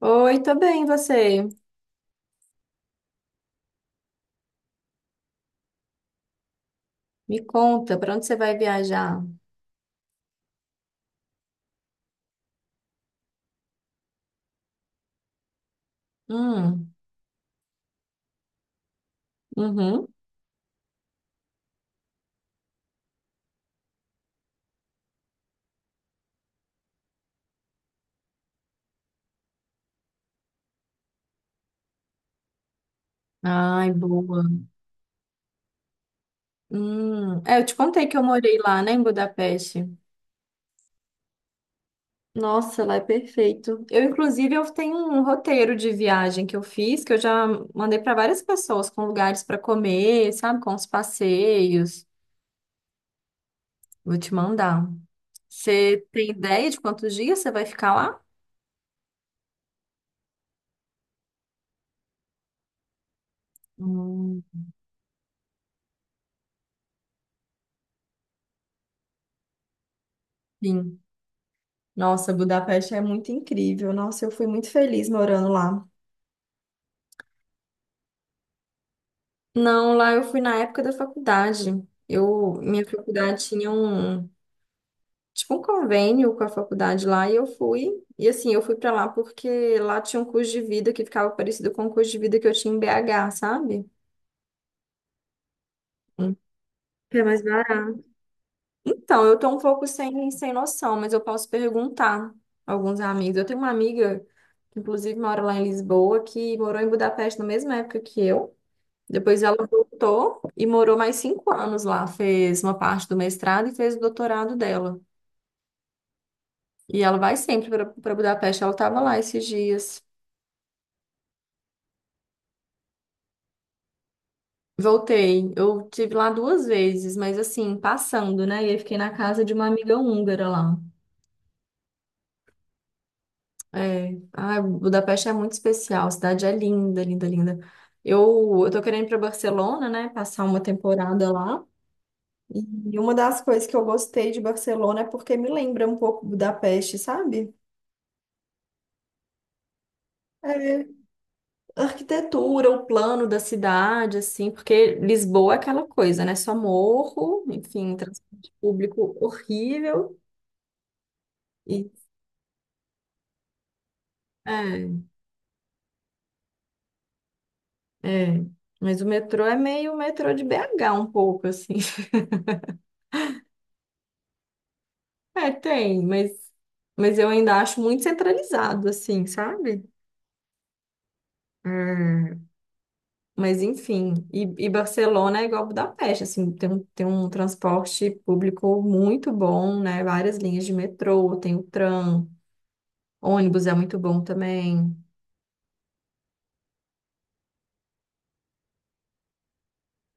Oi, tô bem, e você? Me conta, pra onde você vai viajar? Hum, uhum. Ai, boa. Hum. É, eu te contei que eu morei lá, né, em Budapeste. Nossa, lá é perfeito. Eu, inclusive, eu tenho um roteiro de viagem que eu fiz, que eu já mandei pra várias pessoas com lugares pra comer, sabe, com os passeios. Vou te mandar. Você tem ideia de quantos dias você vai ficar lá? Hum, sim. Nossa, Budapeste é muito incrível. Nossa, eu fui muito feliz morando lá. Não, lá eu fui na época da faculdade. Eu, minha faculdade tinha um, tipo um convênio com a faculdade lá e eu fui. E assim, eu fui pra lá porque lá tinha um curso de vida que ficava parecido com o curso de vida que eu tinha em BH, sabe? Hum. Que é mais barato. Então, eu tô um pouco sem noção, mas eu posso perguntar a alguns amigos. Eu tenho uma amiga que, inclusive, mora lá em Lisboa, que morou em Budapeste na mesma época que eu. Depois ela voltou e morou mais 5 anos lá. Fez uma parte do mestrado e fez o doutorado dela. E ela vai sempre para Budapeste. Ela estava lá esses dias. Voltei. Eu tive lá duas vezes, mas assim, passando, né? E aí fiquei na casa de uma amiga húngara lá. É. Ai, Budapeste é muito especial. A cidade é linda, linda, linda. Eu tô querendo ir para Barcelona, né? Passar uma temporada lá. E uma das coisas que eu gostei de Barcelona é porque me lembra um pouco Budapeste, sabe? É, a arquitetura, o plano da cidade, assim, porque Lisboa é aquela coisa, né? Só morro, enfim, transporte público horrível. E, é, é. Mas o metrô é meio o metrô de BH um pouco, assim. É, tem, mas eu ainda acho muito centralizado, assim, sabe? É, mas enfim, e Barcelona é igual Budapeste, assim, tem um transporte público muito bom, né? Várias linhas de metrô, tem o tram, ônibus é muito bom também.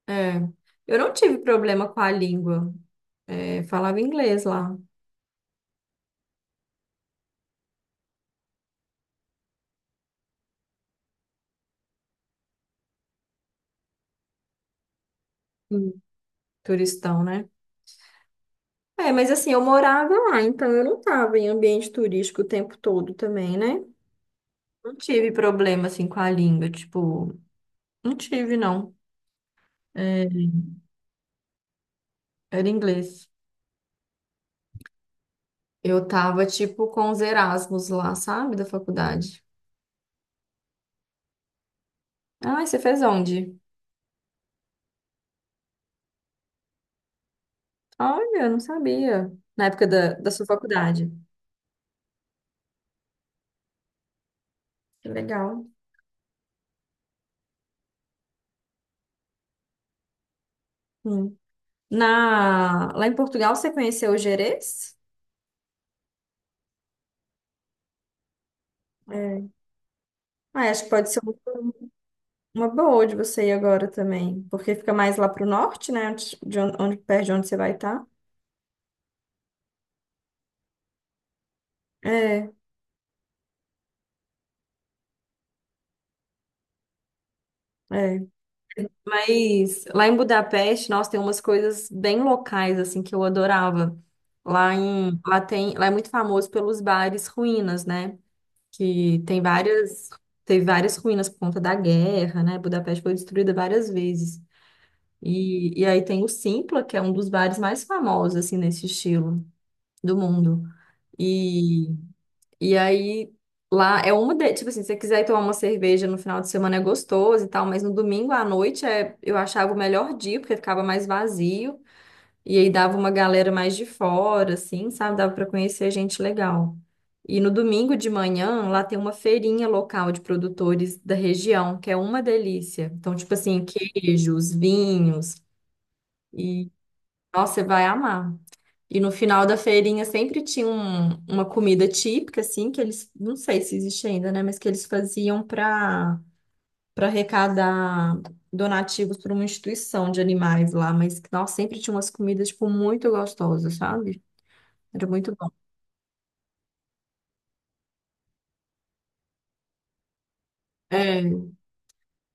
É. Eu não tive problema com a língua. É, falava inglês lá. Hum. Turistão, né? É, mas assim, eu morava lá, então eu não tava em ambiente turístico o tempo todo também, né? Não tive problema, assim, com a língua, tipo, não tive, não. É, era inglês. Eu tava, tipo, com os Erasmus lá, sabe, da faculdade. Ah, você fez onde? Olha, eu não sabia. Na época da sua faculdade. Que legal. Hum. Lá em Portugal, você conheceu o Gerês? É. Ah, acho que pode ser uma boa de você ir agora também, porque fica mais lá pro norte, né? Onde, de onde, onde- perto de onde você vai estar. É, é. Mas lá em Budapeste, nossa, tem umas coisas bem locais, assim, que eu adorava. Lá em, lá tem, lá é muito famoso pelos bares ruínas, né? Que teve várias ruínas por conta da guerra, né? Budapeste foi destruída várias vezes. E aí tem o Simpla, que é um dos bares mais famosos, assim, nesse estilo do mundo. E, e aí lá é uma de, tipo assim, se você quiser ir tomar uma cerveja no final de semana é gostoso e tal, mas no domingo à noite é, eu achava o melhor dia, porque ficava mais vazio. E aí dava uma galera mais de fora, assim, sabe? Dava para conhecer gente legal. E no domingo de manhã, lá tem uma feirinha local de produtores da região, que é uma delícia. Então, tipo assim, queijos, vinhos. Nossa, você vai amar. E no final da feirinha sempre tinha uma comida típica, assim, que eles, não sei se existe ainda, né, mas que eles faziam para arrecadar donativos para uma instituição de animais lá, mas que, nossa, sempre tinha umas comidas, tipo, muito gostosas, sabe? Era muito bom. É.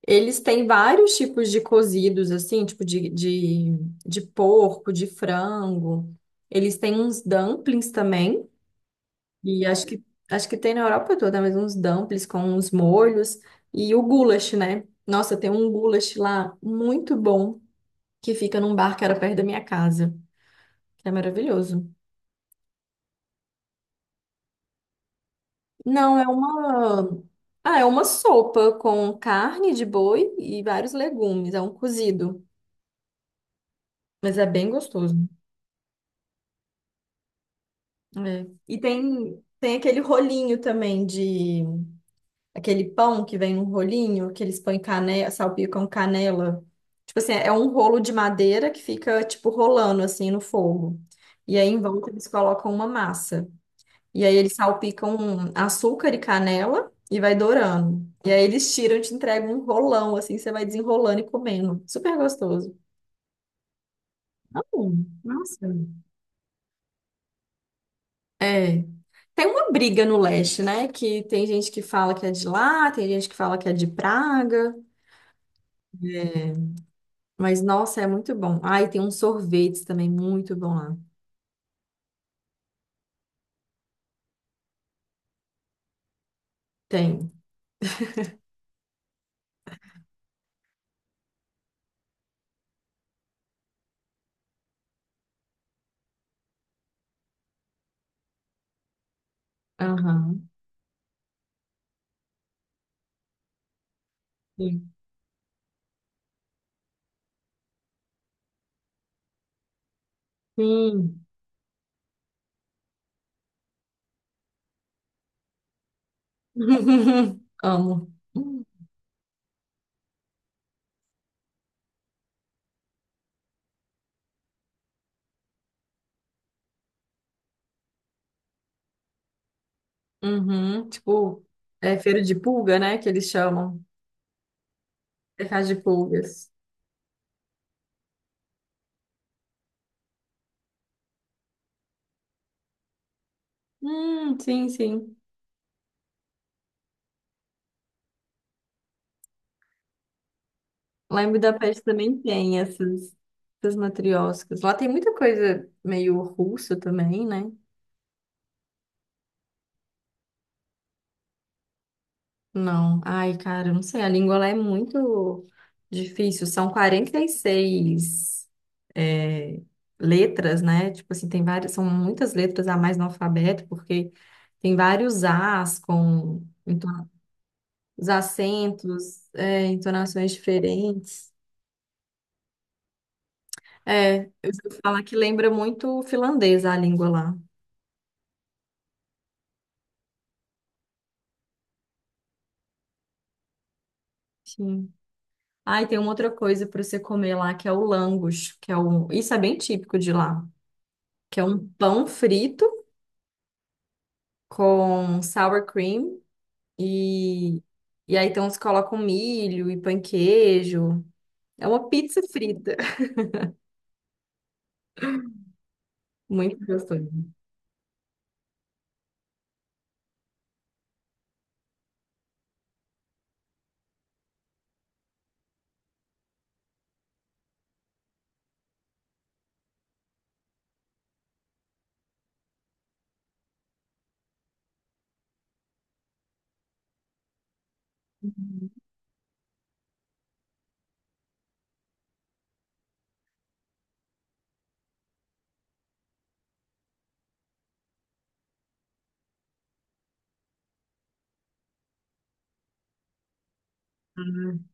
Eles têm vários tipos de cozidos, assim, tipo de porco, de frango. Eles têm uns dumplings também. E acho que tem na Europa toda, mas uns dumplings com uns molhos e o goulash, né? Nossa, tem um goulash lá muito bom que fica num bar que era perto da minha casa, que é maravilhoso. Não, é uma. Ah, é uma sopa com carne de boi e vários legumes, é um cozido, mas é bem gostoso. É. E tem aquele rolinho também de aquele pão que vem num rolinho, que eles põem canela, salpicam canela. Tipo assim, é um rolo de madeira que fica, tipo, rolando assim no fogo. E aí em volta eles colocam uma massa. E aí eles salpicam um açúcar e canela e vai dourando. E aí eles tiram e te entregam um rolão, assim, você vai desenrolando e comendo. Super gostoso. Nossa. É. Tem uma briga no leste, né? Que tem gente que fala que é de lá, tem gente que fala que é de Praga. É. Mas, nossa, é muito bom. Ah, e tem uns sorvetes também muito bom lá. Tem. Aham. Sim. Sim. Amo. Uhum. Tipo, é feira de pulga, né? Que eles chamam. Mercado de pulgas. Sim, sim. Lá em Budapeste também tem essas matrioscas. Lá tem muita coisa meio russa também, né? Não. Ai, cara, eu não sei. A língua lá é muito difícil. São 46 é, letras, né? Tipo assim, tem várias, são muitas letras a mais no alfabeto, porque tem vários As com os acentos, entonações diferentes. É, eu vou falar que lembra muito o finlandês a língua lá. Sim. Ah, e tem uma outra coisa para você comer lá, que é o langos, que é isso é bem típico de lá, que é um pão frito com sour cream e, e aí então se coloca um milho e pão queijo. É uma pizza frita. Muito gostoso. Hum.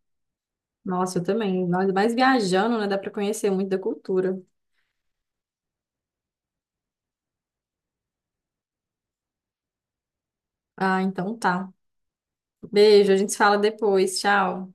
Nossa, eu também. Nós mais viajando, né? Dá pra conhecer muito da cultura. Ah, então tá. Beijo, a gente se fala depois. Tchau.